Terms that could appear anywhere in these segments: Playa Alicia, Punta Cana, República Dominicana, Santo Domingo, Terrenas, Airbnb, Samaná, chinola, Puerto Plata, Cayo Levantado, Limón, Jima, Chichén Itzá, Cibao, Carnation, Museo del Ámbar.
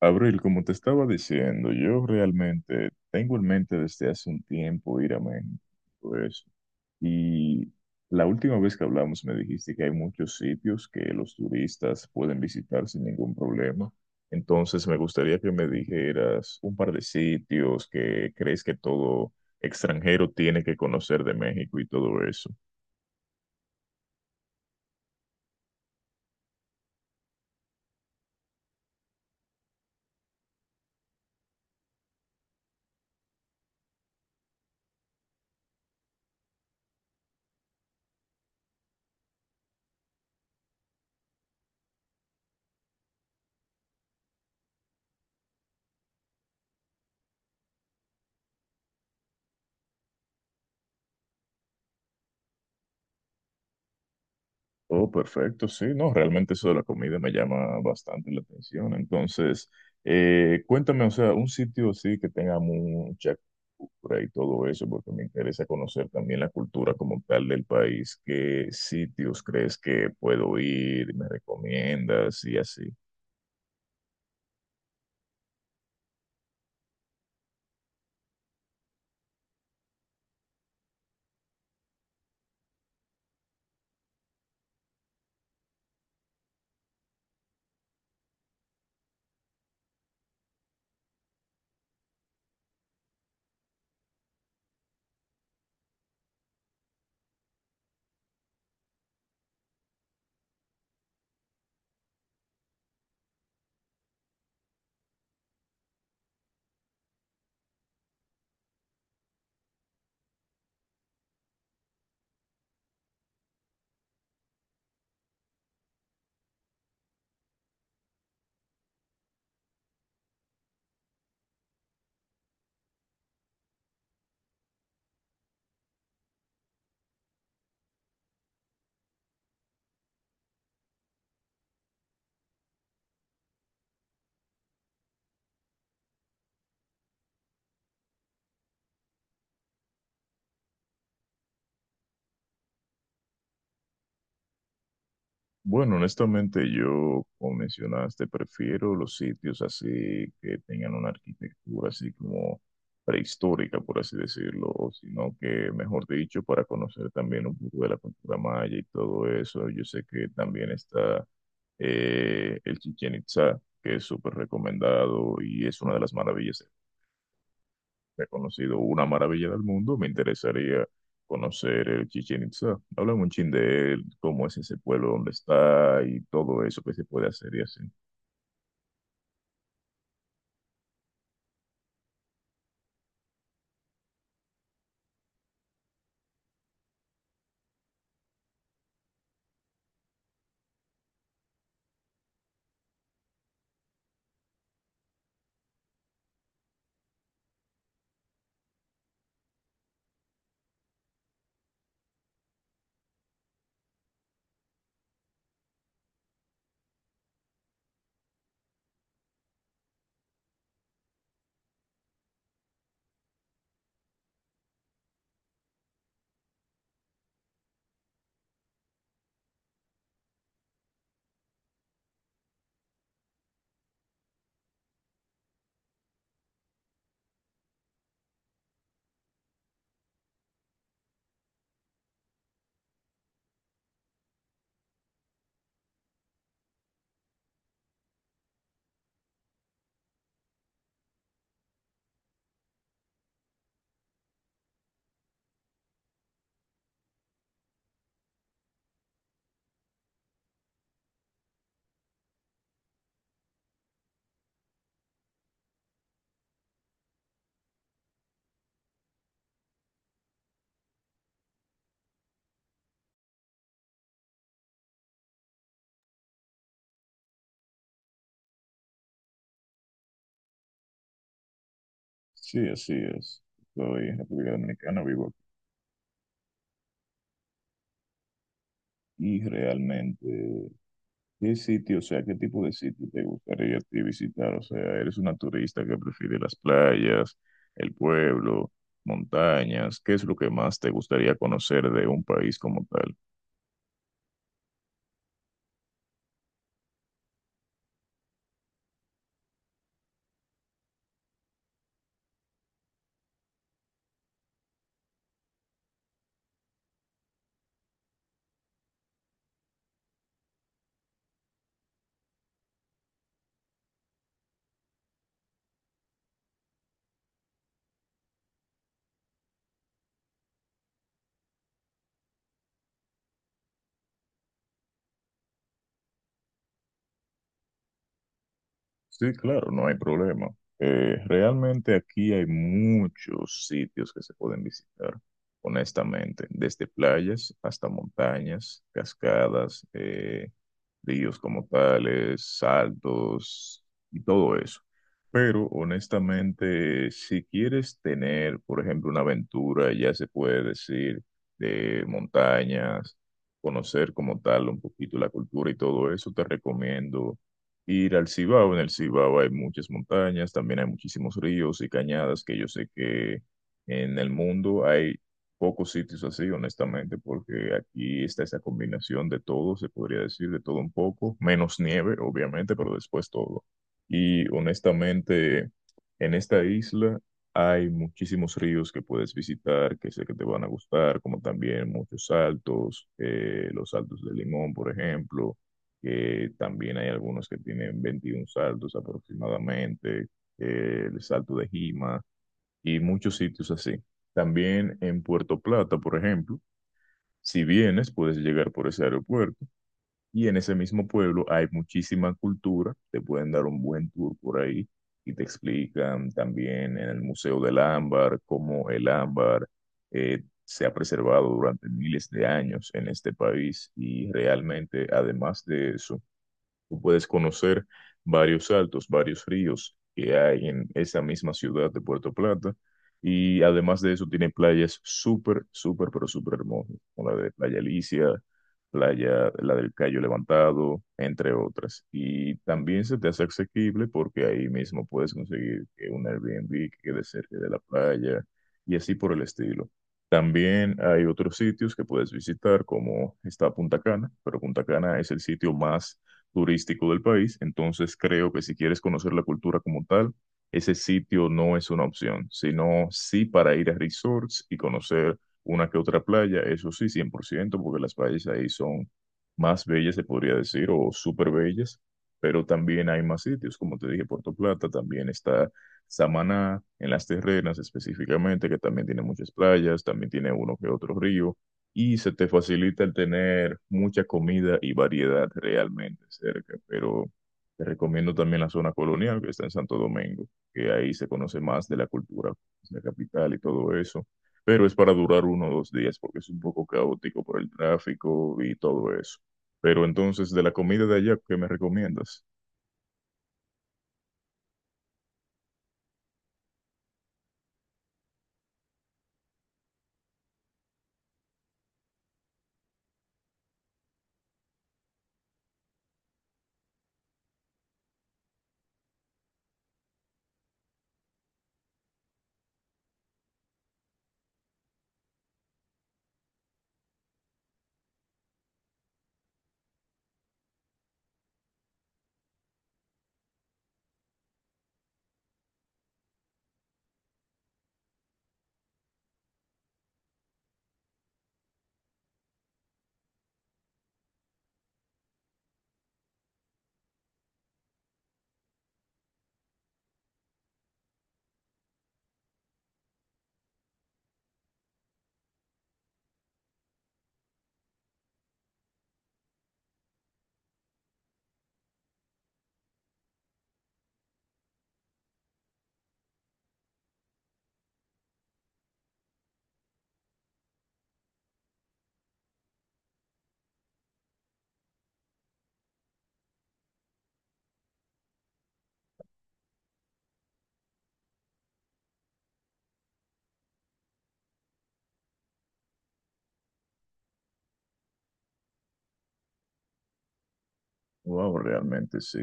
Abril, como te estaba diciendo, yo realmente tengo en mente desde hace un tiempo ir a México, pues, y la última vez que hablamos me dijiste que hay muchos sitios que los turistas pueden visitar sin ningún problema. Entonces me gustaría que me dijeras un par de sitios que crees que todo extranjero tiene que conocer de México y todo eso. Oh, perfecto, sí, no, realmente eso de la comida me llama bastante la atención. Entonces, cuéntame, o sea, un sitio así que tenga mucha cultura y todo eso, porque me interesa conocer también la cultura como tal del país. ¿Qué sitios crees que puedo ir? ¿Me recomiendas? Y así. Bueno, honestamente yo, como mencionaste, prefiero los sitios así que tengan una arquitectura así como prehistórica, por así decirlo, o sino que, mejor dicho, para conocer también un poco de la cultura maya y todo eso. Yo sé que también está el Chichén Itzá, que es súper recomendado y es una de las maravillas. He conocido una maravilla del mundo, me interesaría conocer el Chichén Itzá. Háblame un chin de él, cómo es ese pueblo, dónde está y todo eso que se puede hacer y así. Sí, así es. Soy en República Dominicana, vivo aquí. Y realmente, ¿qué sitio, o sea, qué tipo de sitio te gustaría a ti visitar? O sea, ¿eres una turista que prefiere las playas, el pueblo, montañas? ¿Qué es lo que más te gustaría conocer de un país como tal? Sí, claro, no hay problema. Realmente aquí hay muchos sitios que se pueden visitar, honestamente, desde playas hasta montañas, cascadas, ríos como tales, saltos y todo eso. Pero honestamente, si quieres tener, por ejemplo, una aventura, ya se puede decir, de montañas, conocer como tal un poquito la cultura y todo eso, te recomiendo ir al Cibao. En el Cibao hay muchas montañas, también hay muchísimos ríos y cañadas que yo sé que en el mundo hay pocos sitios así, honestamente, porque aquí está esa combinación de todo, se podría decir, de todo un poco, menos nieve, obviamente, pero después todo. Y honestamente, en esta isla hay muchísimos ríos que puedes visitar, que sé que te van a gustar, como también muchos saltos, los saltos de Limón, por ejemplo, que también hay algunos que tienen 21 saltos aproximadamente, el salto de Jima y muchos sitios así. También en Puerto Plata, por ejemplo, si vienes, puedes llegar por ese aeropuerto y en ese mismo pueblo hay muchísima cultura, te pueden dar un buen tour por ahí y te explican también en el Museo del Ámbar cómo el ámbar se ha preservado durante miles de años en este país y realmente, además de eso, tú puedes conocer varios saltos, varios ríos que hay en esa misma ciudad de Puerto Plata. Y además de eso, tiene playas súper, súper, pero súper hermosas, como la de Playa Alicia, playa, la del Cayo Levantado, entre otras. Y también se te hace asequible porque ahí mismo puedes conseguir que un Airbnb que quede cerca de la playa y así por el estilo. También hay otros sitios que puedes visitar, como está Punta Cana, pero Punta Cana es el sitio más turístico del país, entonces creo que si quieres conocer la cultura como tal, ese sitio no es una opción, sino sí para ir a resorts y conocer una que otra playa, eso sí, 100 por ciento, porque las playas ahí son más bellas, se podría decir, o súper bellas, pero también hay más sitios, como te dije, Puerto Plata, también está Samaná, en las Terrenas específicamente, que también tiene muchas playas, también tiene uno que otro río, y se te facilita el tener mucha comida y variedad realmente cerca, pero te recomiendo también la zona colonial que está en Santo Domingo, que ahí se conoce más de la cultura, pues, la capital y todo eso, pero es para durar uno o dos días porque es un poco caótico por el tráfico y todo eso. Pero entonces, de la comida de allá, ¿qué me recomiendas? Wow, realmente sí.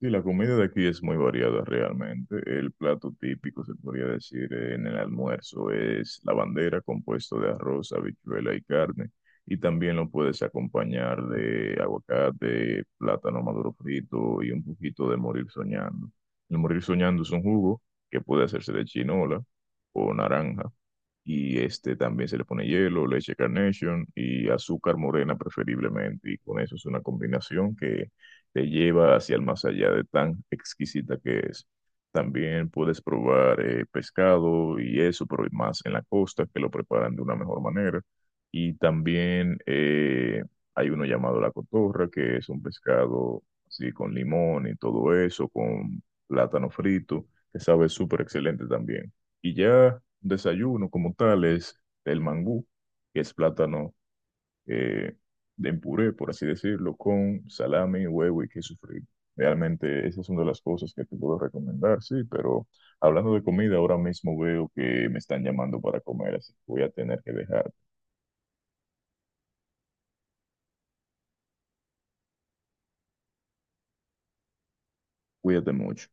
Sí, la comida de aquí es muy variada realmente. El plato típico, se podría decir, en el almuerzo es la bandera compuesto de arroz, habichuela y carne. Y también lo puedes acompañar de aguacate, plátano maduro frito y un poquito de morir soñando. El morir soñando es un jugo que puede hacerse de chinola o naranja. Y este también se le pone hielo, leche Carnation y azúcar morena preferiblemente. Y con eso es una combinación que te lleva hacia el más allá de tan exquisita que es. También puedes probar pescado y eso, pero más en la costa, que lo preparan de una mejor manera. Y también hay uno llamado la cotorra, que es un pescado así con limón y todo eso, con plátano frito, que sabe súper excelente también. Y ya desayuno como tal es el mangú, que es plátano eh, en puré, por así decirlo, con salami, huevo y queso frito. Realmente esas son de las cosas que te puedo recomendar, sí, pero hablando de comida, ahora mismo veo que me están llamando para comer, así que voy a tener que dejar. Cuídate mucho.